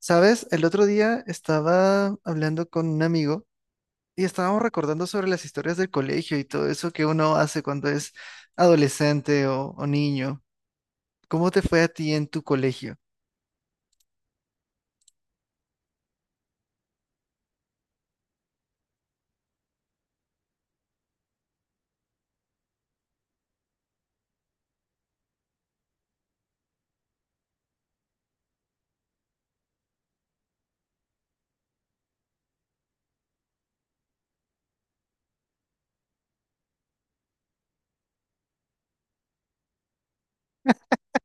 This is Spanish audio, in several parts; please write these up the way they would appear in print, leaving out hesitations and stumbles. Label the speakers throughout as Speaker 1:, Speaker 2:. Speaker 1: ¿Sabes? El otro día estaba hablando con un amigo y estábamos recordando sobre las historias del colegio y todo eso que uno hace cuando es adolescente o niño. ¿Cómo te fue a ti en tu colegio?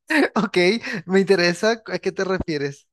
Speaker 1: Ok, me interesa a qué te refieres.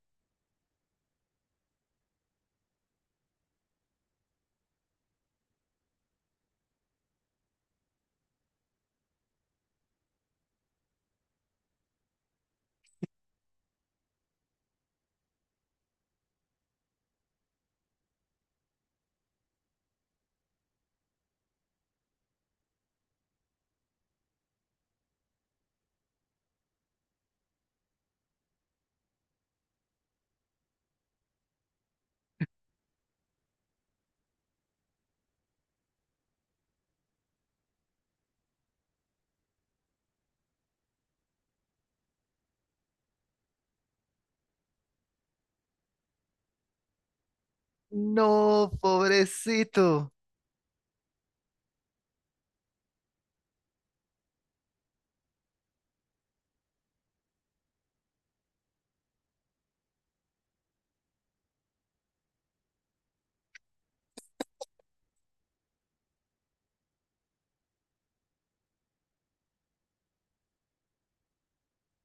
Speaker 1: No, pobrecito.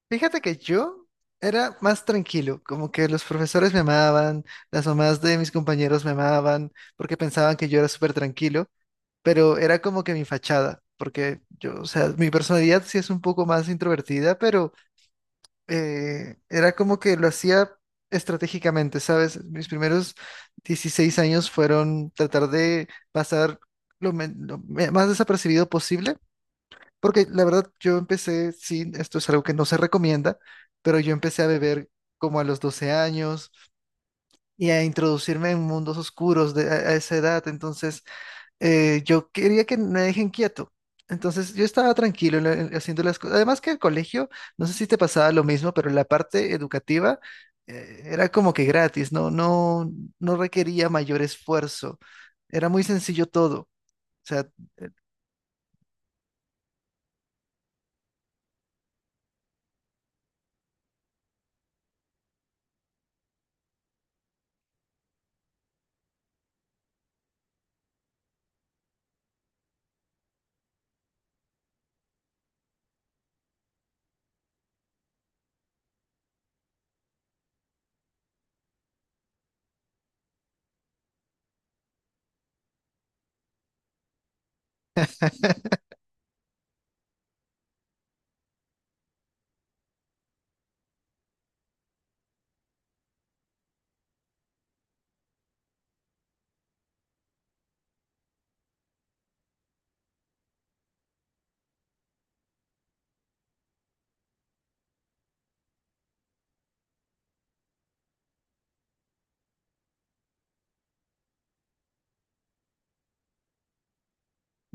Speaker 1: Fíjate que yo era más tranquilo, como que los profesores me amaban, las mamás de mis compañeros me amaban porque pensaban que yo era súper tranquilo. Pero era como que mi fachada, porque yo, o sea, mi personalidad sí es un poco más introvertida, pero era como que lo hacía estratégicamente, ¿sabes? Mis primeros 16 años fueron tratar de pasar lo, men- lo me- más desapercibido posible, porque la verdad yo empecé, sí, esto es algo que no se recomienda, pero yo empecé a beber como a los 12 años y a introducirme en mundos oscuros de, a esa edad, entonces yo quería que me dejen quieto. Entonces yo estaba tranquilo en haciendo las cosas. Además que el colegio, no sé si te pasaba lo mismo, pero la parte educativa era como que gratis, no, no, no requería mayor esfuerzo. Era muy sencillo todo. O sea,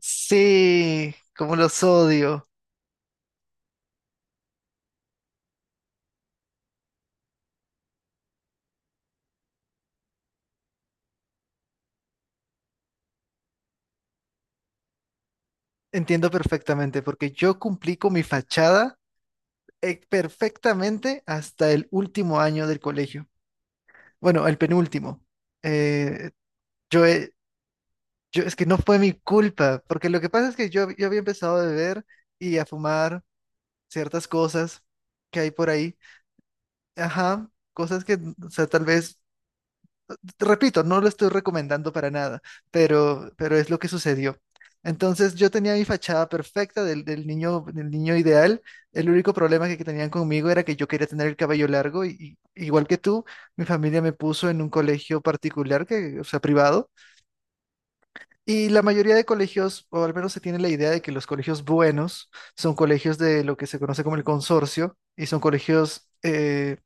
Speaker 1: sí, como los odio. Entiendo perfectamente, porque yo cumplí con mi fachada perfectamente hasta el último año del colegio. Bueno, el penúltimo. Eh, yo he- Yo, es que no fue mi culpa, porque lo que pasa es que yo había empezado a beber y a fumar ciertas cosas que hay por ahí. Ajá, cosas que, o sea, tal vez, te repito, no lo estoy recomendando para nada, pero es lo que sucedió. Entonces yo tenía mi fachada perfecta del niño, del niño ideal. El único problema que tenían conmigo era que yo quería tener el cabello largo y igual que tú, mi familia me puso en un colegio particular, que, o sea, privado. Y la mayoría de colegios, o al menos se tiene la idea de que los colegios buenos son colegios de lo que se conoce como el consorcio y son colegios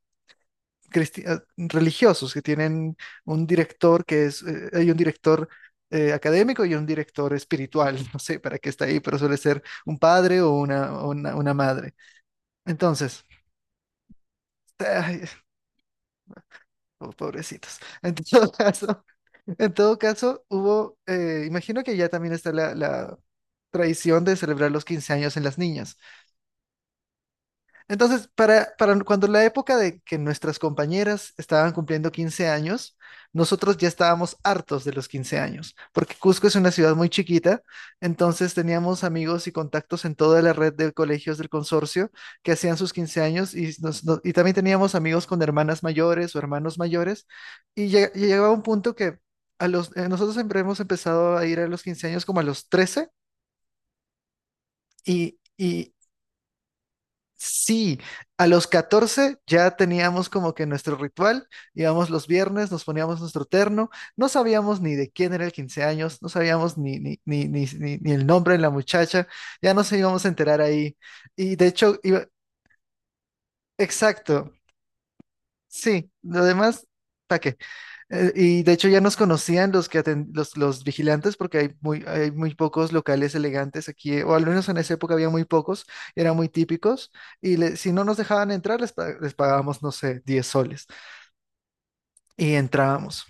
Speaker 1: cristi- eh, religiosos que tienen un director que es, hay un director académico y un director espiritual, no sé para qué está ahí, pero suele ser un padre o una madre. Entonces, ay, oh, pobrecitos. En todo caso, en todo caso, hubo, imagino que ya también está la tradición de celebrar los 15 años en las niñas. Entonces, para cuando la época de que nuestras compañeras estaban cumpliendo 15 años, nosotros ya estábamos hartos de los 15 años, porque Cusco es una ciudad muy chiquita, entonces teníamos amigos y contactos en toda la red de colegios del consorcio que hacían sus 15 años y también teníamos amigos con hermanas mayores o hermanos mayores y llegaba un punto que a los, nosotros siempre hemos empezado a ir a los 15 años como a los 13 y... y sí, a los 14 ya teníamos como que nuestro ritual, íbamos los viernes, nos poníamos nuestro terno, no sabíamos ni de quién era el 15 años, no sabíamos ni el nombre de la muchacha, ya nos íbamos a enterar ahí. Y de hecho, iba- exacto, sí, lo demás, ¿para y de hecho ya nos conocían los que los vigilantes porque hay muy pocos locales elegantes aquí, o al menos en esa época había muy pocos, eran muy típicos, si no nos dejaban entrar les pagábamos, no sé, 10 soles y entrábamos.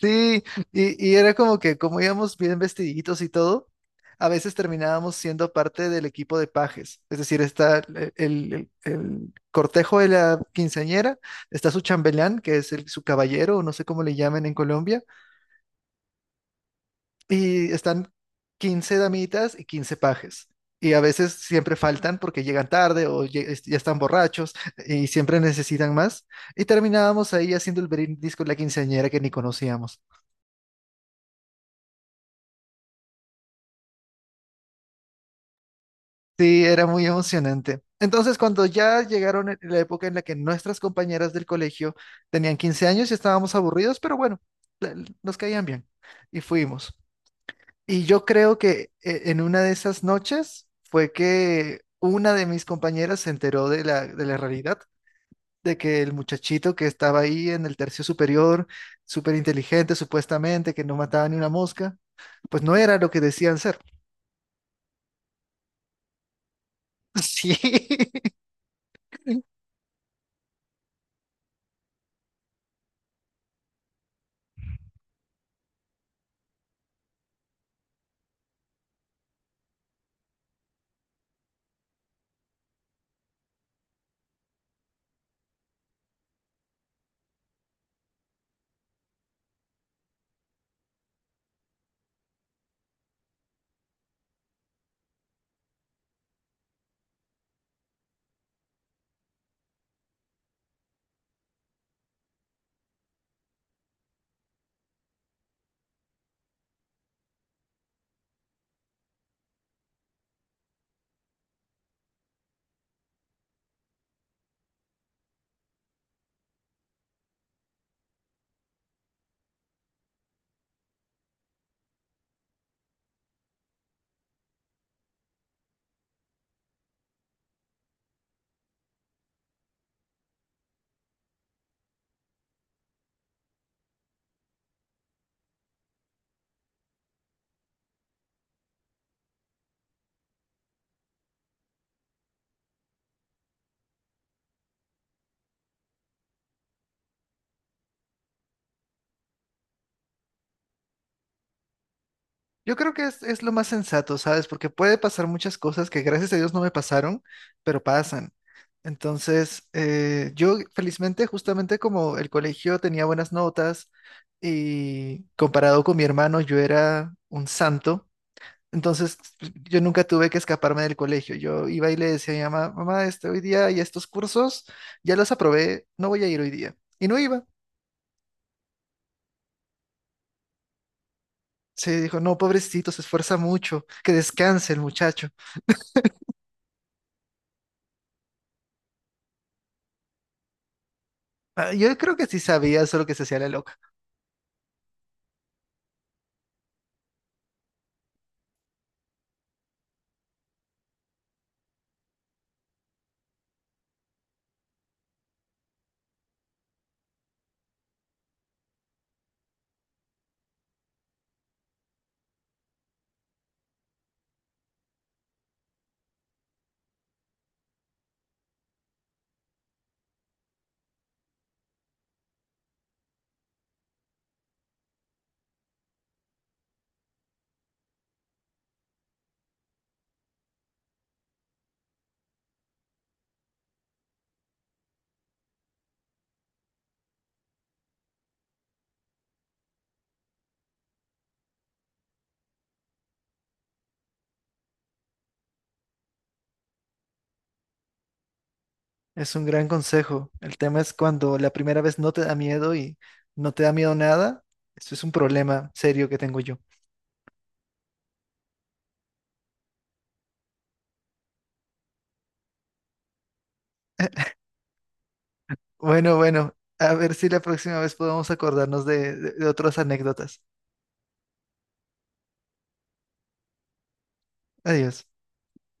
Speaker 1: Sí, y era como que como íbamos bien vestiditos y todo, a veces terminábamos siendo parte del equipo de pajes, es decir, está el cortejo de la quinceañera, está su chambelán, que es el, su caballero, o no sé cómo le llaman en Colombia, y están 15 damitas y 15 pajes. Y a veces siempre faltan porque llegan tarde o ya están borrachos y siempre necesitan más. Y terminábamos ahí haciendo el brindis con la quinceañera que ni conocíamos. Sí, era muy emocionante. Entonces, cuando ya llegaron en la época en la que nuestras compañeras del colegio tenían 15 años y estábamos aburridos, pero bueno, la- nos caían bien y fuimos. Y yo creo que en una de esas noches fue que una de mis compañeras se enteró de de la realidad, de que el muchachito que estaba ahí en el tercio superior, súper inteligente supuestamente, que no mataba ni una mosca, pues no era lo que decían ser. Sí. Yo creo que es lo más sensato, ¿sabes? Porque puede pasar muchas cosas que gracias a Dios no me pasaron, pero pasan. Entonces, yo felizmente, justamente como el colegio tenía buenas notas y comparado con mi hermano, yo era un santo. Entonces, yo nunca tuve que escaparme del colegio. Yo iba y le decía a mi mamá, mamá, este, hoy día y estos cursos ya los aprobé, no voy a ir hoy día. Y no iba. Se dijo, no, pobrecito, se esfuerza mucho, que descanse el muchacho. Ah, yo creo que sí sabía, solo que se hacía la loca. Es un gran consejo. El tema es cuando la primera vez no te da miedo y no te da miedo nada. Esto es un problema serio que tengo yo. Bueno, bueno, a ver si la próxima vez podemos acordarnos de, de otras anécdotas. Adiós.